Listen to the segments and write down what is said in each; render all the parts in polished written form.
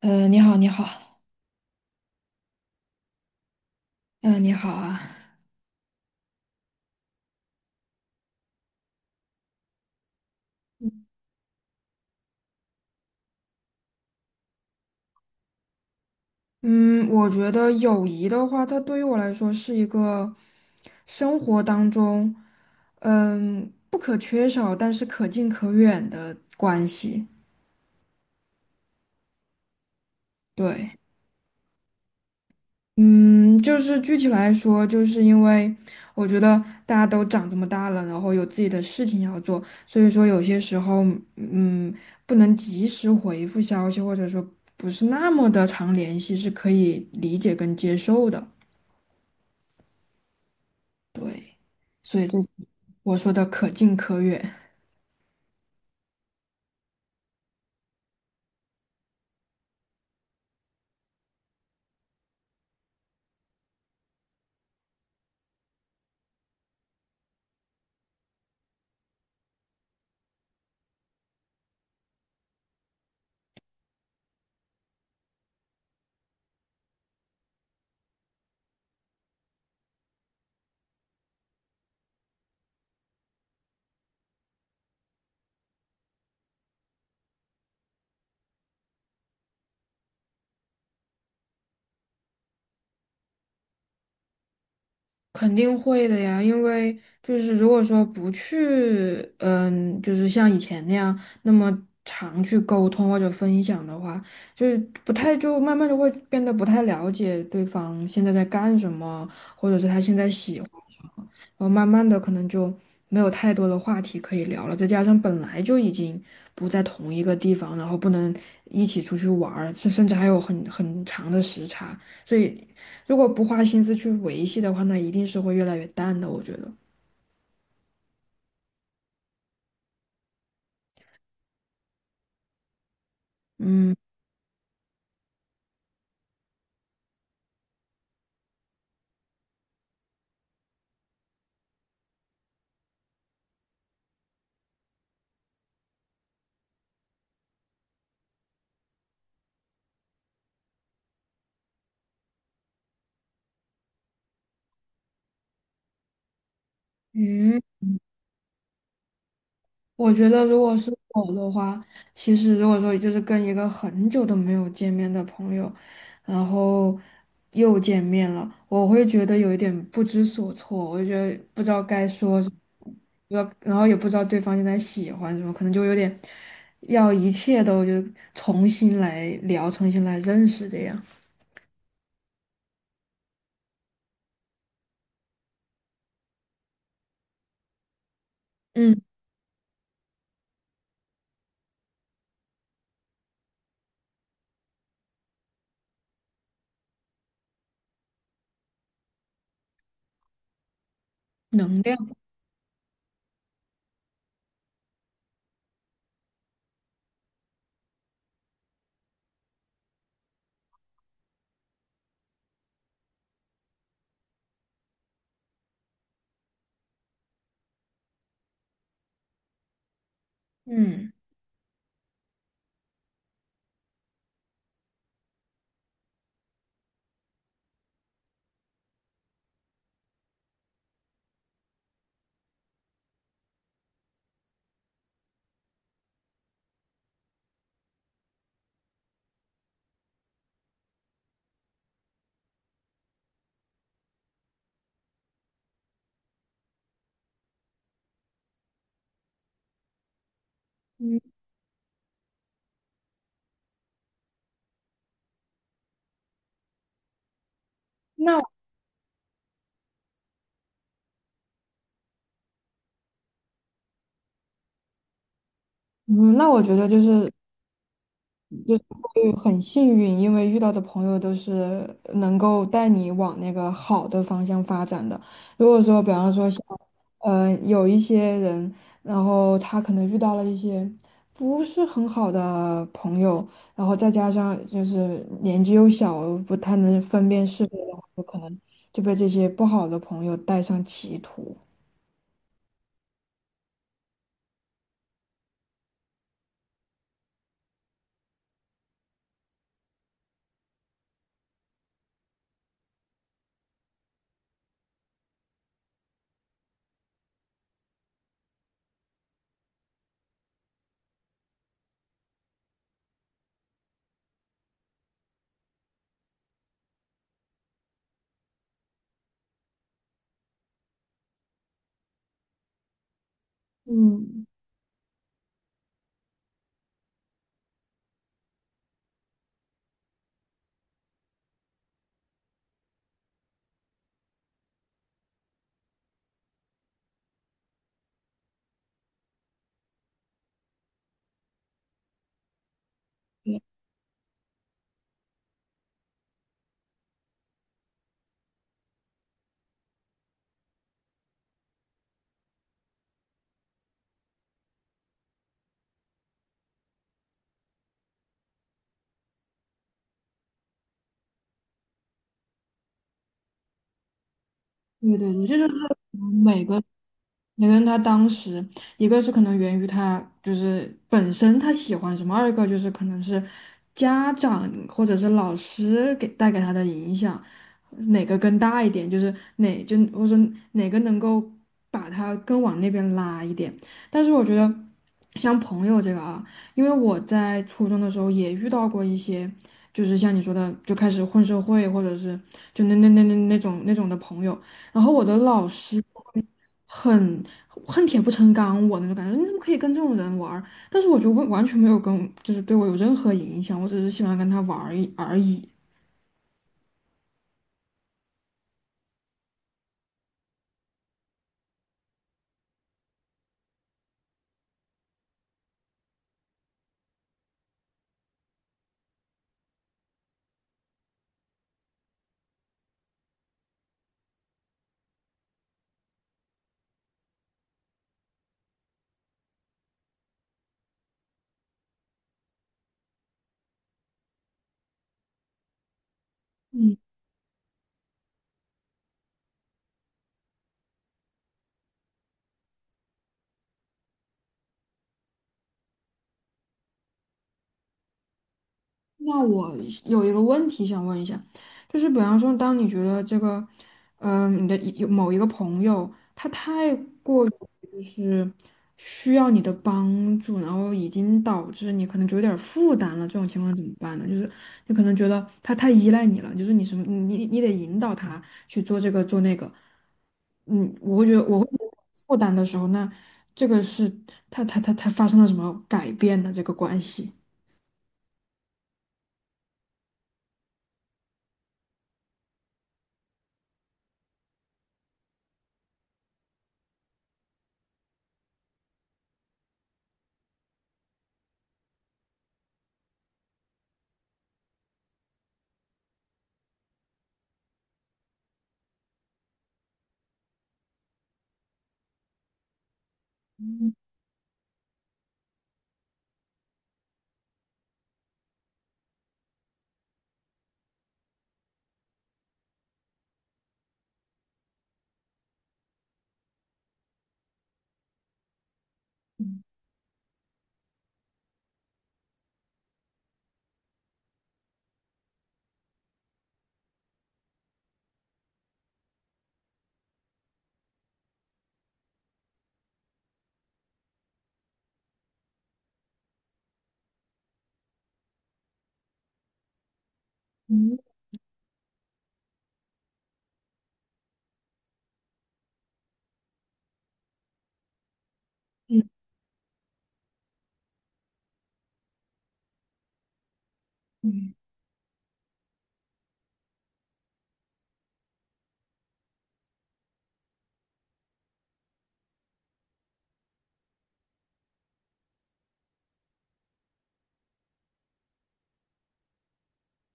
你好，你好，嗯、你好啊。嗯，我觉得友谊的话，它对于我来说是一个生活当中，不可缺少，但是可近可远的关系。对。嗯，就是具体来说，就是因为我觉得大家都长这么大了，然后有自己的事情要做，所以说有些时候，嗯，不能及时回复消息，或者说不是那么的常联系，是可以理解跟接受的。对，所以这我说的可近可远。肯定会的呀，因为就是如果说不去，就是像以前那样那么常去沟通或者分享的话，就是不太就慢慢就会变得不太了解对方现在在干什么，或者是他现在喜然后慢慢的可能就没有太多的话题可以聊了，再加上本来就已经不在同一个地方，然后不能一起出去玩儿，甚至还有很长的时差，所以如果不花心思去维系的话，那一定是会越来越淡的，我觉得。嗯。嗯。我觉得，如果是我的话，其实如果说就是跟一个很久都没有见面的朋友，然后又见面了，我会觉得有一点不知所措，我就觉得不知道该说什么，不知道然后也不知道对方现在喜欢什么，可能就有点要一切都就重新来聊，重新来认识这样。嗯，能量。嗯嗯，那嗯，那我觉得就是就是会很幸运，因为遇到的朋友都是能够带你往那个好的方向发展的。如果说，比方说像，有一些人，然后他可能遇到了一些不是很好的朋友，然后再加上就是年纪又小，不太能分辨是非的话，有可能就被这些不好的朋友带上歧途。嗯，对对对，这就是。每个。你跟他当时，一个是可能源于他就是本身他喜欢什么，二一个就是可能是家长或者是老师给带给他的影响，哪个更大一点，就是哪就我说哪个能够把他更往那边拉一点。但是我觉得像朋友这个啊，因为我在初中的时候也遇到过一些，就是像你说的，就开始混社会或者是就那种那种的朋友。然后我的老师就会很恨铁不成钢我那种感觉，你怎么可以跟这种人玩儿但是我觉得完完全没有跟，就是对我有任何影响，我只是喜欢跟他玩儿一而已。嗯。那我有一个问题想问一下，就是比方说，当你觉得这个，你的一有某一个朋友，他太过于就是需要你的帮助，然后已经导致你可能就有点儿负担了，这种情况怎么办呢？就是你可能觉得他太依赖你了，就是你什么，你你得引导他去做这个做那个，我会觉得负担的时候，那这个是他发生了什么改变的这个关系。嗯嗯。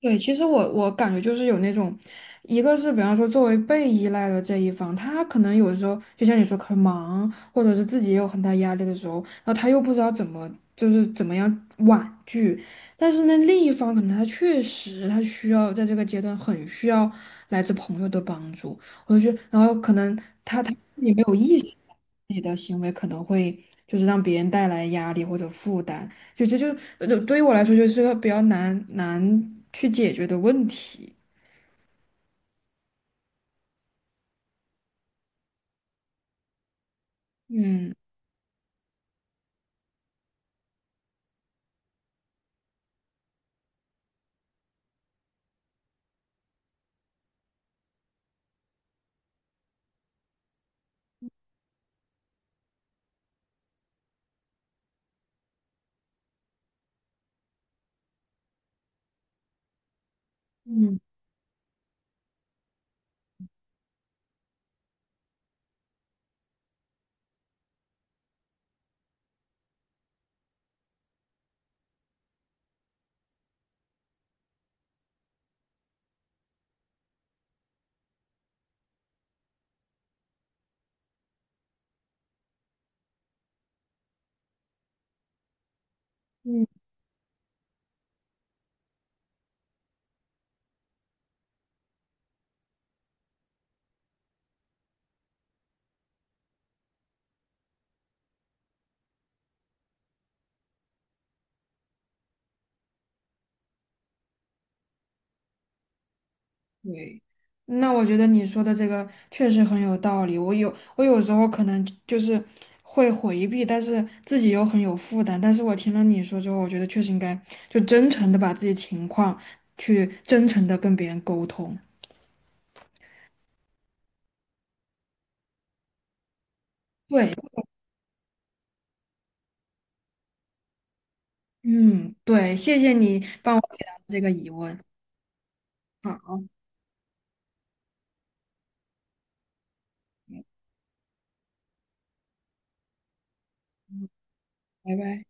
对，其实我感觉就是有那种，一个是比方说作为被依赖的这一方，他可能有时候就像你说很忙，或者是自己也有很大压力的时候，然后他又不知道怎么就是怎么样婉拒，但是呢，另一方可能他确实他需要在这个阶段很需要来自朋友的帮助，我就觉得，然后可能他自己没有意识。你的行为可能会就是让别人带来压力或者负担，就这就就对于我来说就是个比较难去解决的问题。嗯嗯嗯对，那我觉得你说的这个确实很有道理。我有时候可能就是会回避，但是自己又很有负担。但是我听了你说之后，我觉得确实应该就真诚的把自己情况去真诚的跟别人沟通。对。嗯，对，谢谢你帮我解答这个疑问。好。嗯。拜拜。